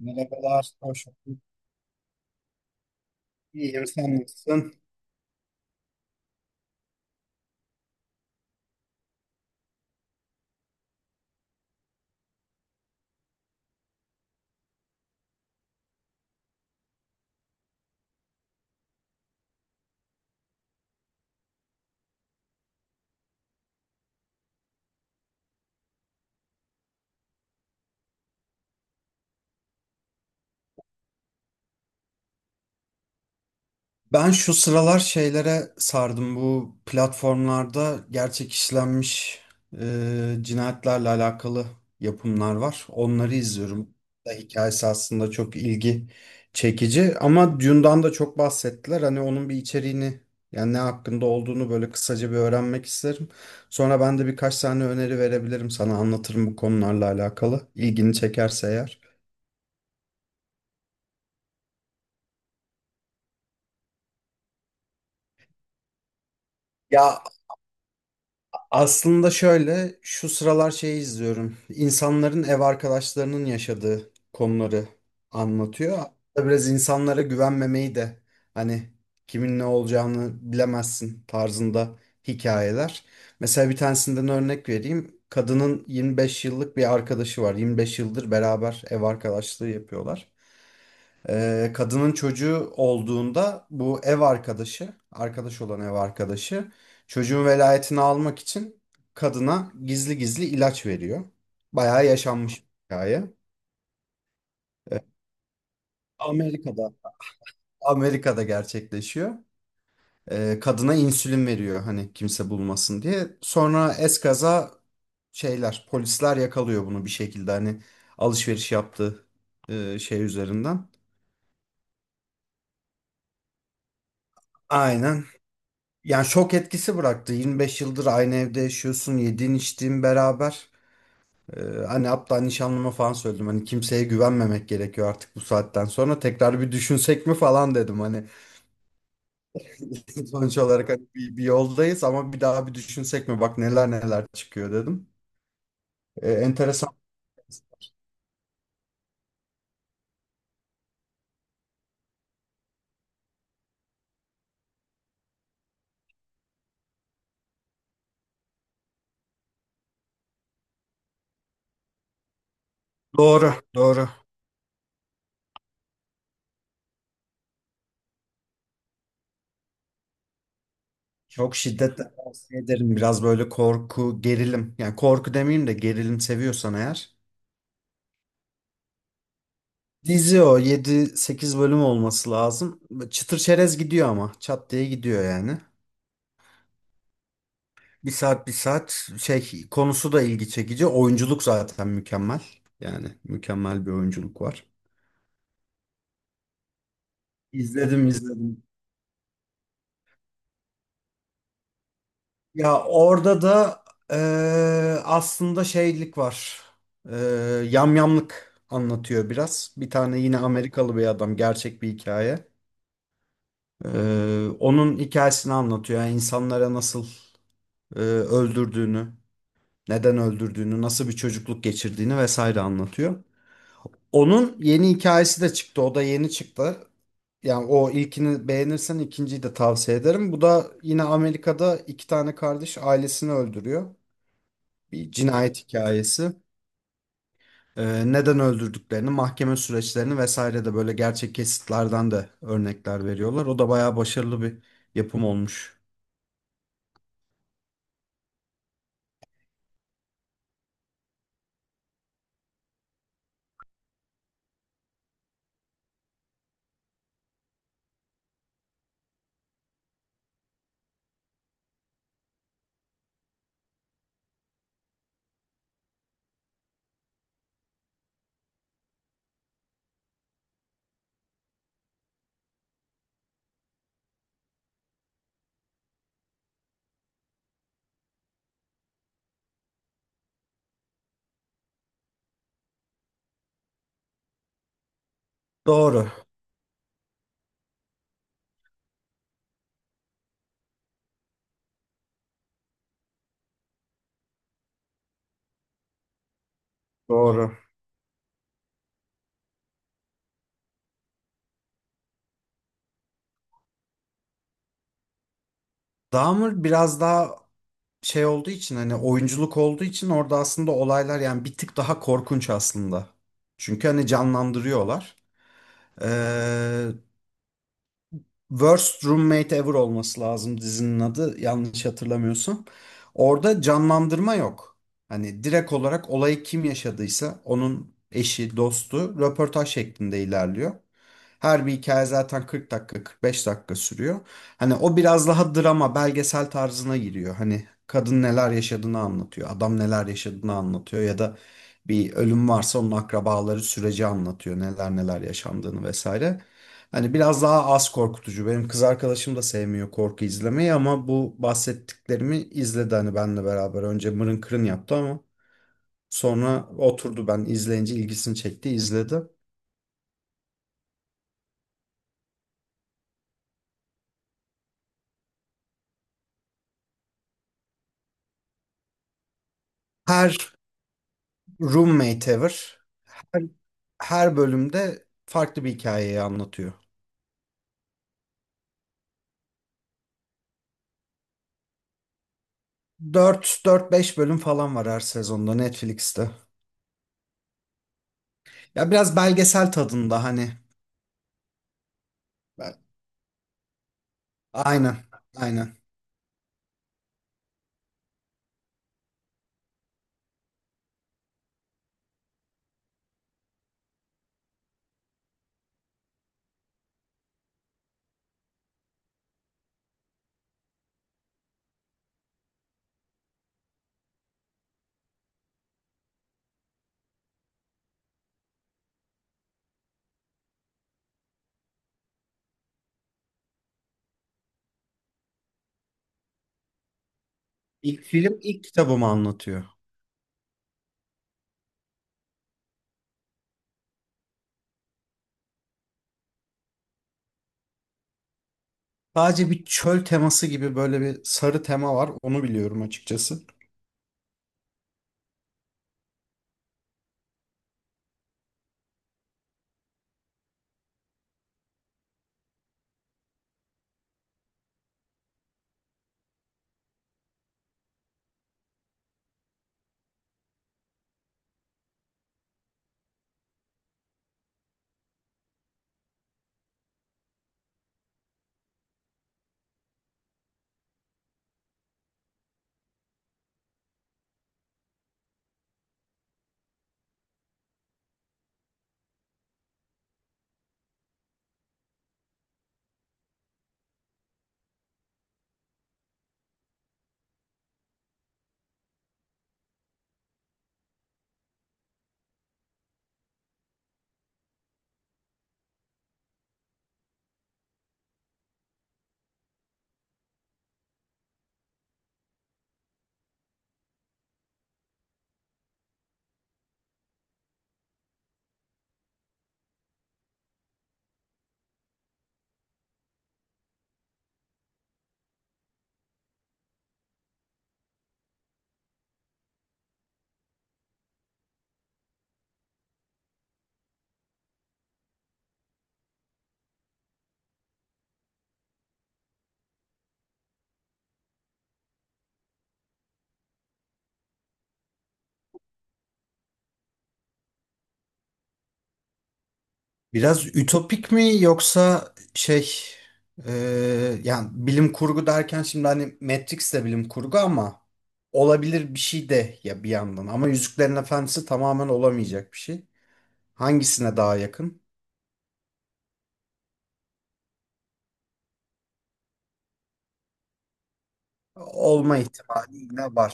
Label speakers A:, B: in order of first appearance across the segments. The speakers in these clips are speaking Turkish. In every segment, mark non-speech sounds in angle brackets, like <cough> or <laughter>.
A: Merhabalar, hoş bulduk. İyiyim, sen nasılsın? Ben şu sıralar şeylere sardım. Bu platformlarda gerçek işlenmiş cinayetlerle alakalı yapımlar var. Onları izliyorum. Da hikayesi aslında çok ilgi çekici. Ama Dune'dan da çok bahsettiler. Hani onun bir içeriğini yani ne hakkında olduğunu böyle kısaca bir öğrenmek isterim. Sonra ben de birkaç tane öneri verebilirim sana. Anlatırım bu konularla alakalı. İlgini çekerse eğer. Ya, aslında şöyle, şu sıralar şeyi izliyorum. İnsanların ev arkadaşlarının yaşadığı konuları anlatıyor. Aslında biraz insanlara güvenmemeyi de hani kimin ne olacağını bilemezsin tarzında hikayeler. Mesela bir tanesinden örnek vereyim. Kadının 25 yıllık bir arkadaşı var. 25 yıldır beraber ev arkadaşlığı yapıyorlar. Kadının çocuğu olduğunda bu ev arkadaşı, arkadaş olan ev arkadaşı çocuğun velayetini almak için kadına gizli gizli ilaç veriyor. Bayağı yaşanmış bir hikaye. Ee, Amerika'da, Amerika'da gerçekleşiyor. Kadına insülin veriyor hani kimse bulmasın diye. Sonra eskaza şeyler, polisler yakalıyor bunu bir şekilde hani alışveriş yaptığı şey üzerinden. Aynen. Yani şok etkisi bıraktı. 25 yıldır aynı evde yaşıyorsun, yediğin içtiğin beraber. Ee, hani hatta nişanlıma falan söyledim. Hani kimseye güvenmemek gerekiyor artık bu saatten sonra. Tekrar bir düşünsek mi falan dedim. Hani <laughs> sonuç olarak hani bir yoldayız ama bir daha bir düşünsek mi? Bak neler neler çıkıyor dedim. Enteresan. Doğru, doğru. Çok şiddetle tavsiye ederim. Biraz böyle korku, gerilim. Yani korku demeyeyim de gerilim seviyorsan eğer. Dizi o yedi sekiz bölüm olması lazım. Çıtır çerez gidiyor ama çat diye gidiyor yani. Bir saat bir saat şey konusu da ilgi çekici. Oyunculuk zaten mükemmel. Yani mükemmel bir oyunculuk var. İzledim izledim. Ya orada da aslında şeylik var. Eee yamyamlık anlatıyor biraz. Bir tane yine Amerikalı bir adam gerçek bir hikaye. Onun hikayesini anlatıyor. Yani insanlara nasıl öldürdüğünü, neden öldürdüğünü, nasıl bir çocukluk geçirdiğini vesaire anlatıyor. Onun yeni hikayesi de çıktı. O da yeni çıktı. Yani o ilkini beğenirsen ikinciyi de tavsiye ederim. Bu da yine Amerika'da iki tane kardeş ailesini öldürüyor. Bir cinayet hikayesi. Neden öldürdüklerini, mahkeme süreçlerini vesaire de böyle gerçek kesitlerden de örnekler veriyorlar. O da bayağı başarılı bir yapım olmuş. Doğru. Doğru. Dahmer biraz daha şey olduğu için hani oyunculuk olduğu için orada aslında olaylar yani bir tık daha korkunç aslında. Çünkü hani canlandırıyorlar. Ee, Worst Roommate Ever olması lazım dizinin adı yanlış hatırlamıyorsam. Orada canlandırma yok. Hani direkt olarak olayı kim yaşadıysa onun eşi, dostu röportaj şeklinde ilerliyor. Her bir hikaye zaten 40 dakika, 45 dakika sürüyor. Hani o biraz daha drama, belgesel tarzına giriyor. Hani kadın neler yaşadığını anlatıyor, adam neler yaşadığını anlatıyor ya da bir ölüm varsa onun akrabaları süreci anlatıyor, neler neler yaşandığını vesaire. Hani biraz daha az korkutucu. Benim kız arkadaşım da sevmiyor korku izlemeyi ama bu bahsettiklerimi izledi hani benle beraber. Önce mırın kırın yaptı ama sonra oturdu ben izleyince ilgisini çekti izledi. Her roommate ever her, her bölümde farklı bir hikayeyi anlatıyor. Dört dört beş bölüm falan var her sezonda Netflix'te. Ya biraz belgesel tadında hani. Aynen. Aynen. İlk film ilk kitabımı anlatıyor. Sadece bir çöl teması gibi böyle bir sarı tema var. Onu biliyorum açıkçası. Biraz ütopik mi yoksa şey e, yani bilim kurgu derken şimdi hani Matrix de bilim kurgu ama olabilir bir şey de ya bir yandan. Ama Yüzüklerin Efendisi tamamen olamayacak bir şey. Hangisine daha yakın? Olma ihtimali yine var.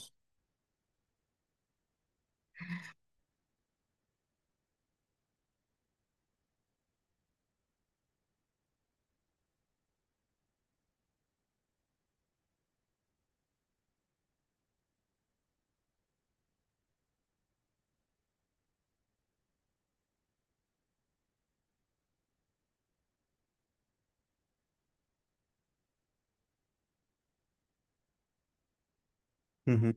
A: Hı hı.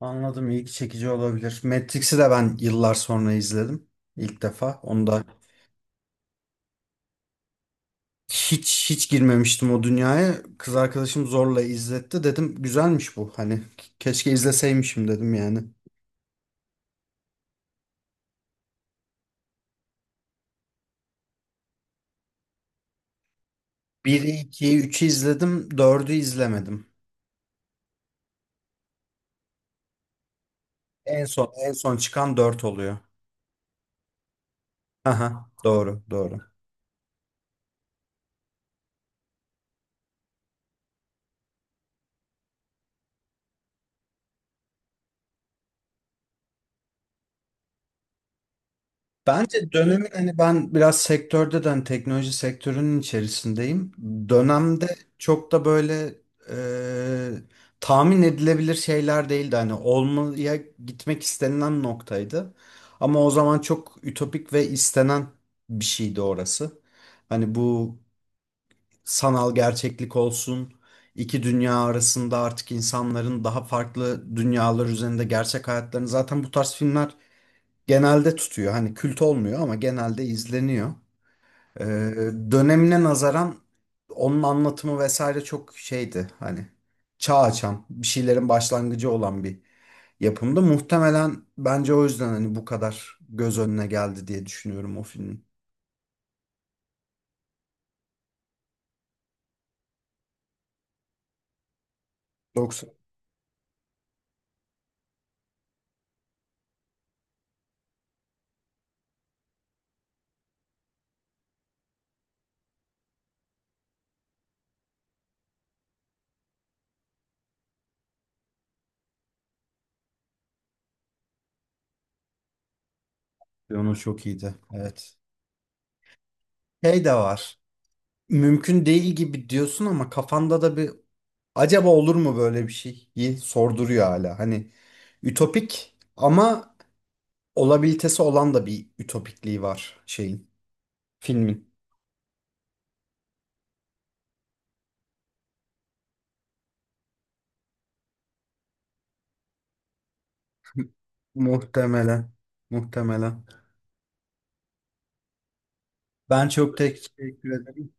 A: Anladım, ilgi çekici olabilir. Matrix'i de ben yıllar sonra izledim. İlk defa. Onu da hiç hiç girmemiştim o dünyaya. Kız arkadaşım zorla izletti. Dedim güzelmiş bu. Hani keşke izleseymişim dedim yani. 1'i, 2'yi, 3'ü izledim. Dördü izlemedim. En son en son çıkan 4 oluyor. Aha, doğru, doğru. Bence dönemin hani ben biraz sektörde de hani teknoloji sektörünün içerisindeyim. Dönemde çok da böyle tahmin edilebilir şeyler değildi. Hani olmaya gitmek istenilen noktaydı. Ama o zaman çok ütopik ve istenen bir şeydi orası. Hani bu sanal gerçeklik olsun, iki dünya arasında artık insanların daha farklı dünyalar üzerinde gerçek hayatlarını zaten bu tarz filmler genelde tutuyor. Hani kült olmuyor ama genelde izleniyor. Ee, dönemine nazaran onun anlatımı vesaire çok şeydi. Hani çağ açan, bir şeylerin başlangıcı olan bir yapımdı. Muhtemelen bence o yüzden hani bu kadar göz önüne geldi diye düşünüyorum o filmin. Doksan. Piyano çok iyiydi. Evet. Şey de var. Mümkün değil gibi diyorsun ama kafanda da bir acaba olur mu böyle bir şey? Yi sorduruyor hala. Hani ütopik ama olabilitesi olan da bir ütopikliği var şeyin, filmin. <laughs> Muhtemelen. Muhtemelen. Ben çok teşekkür ederim.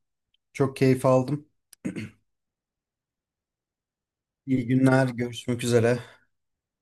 A: Çok keyif aldım. İyi günler, görüşmek üzere.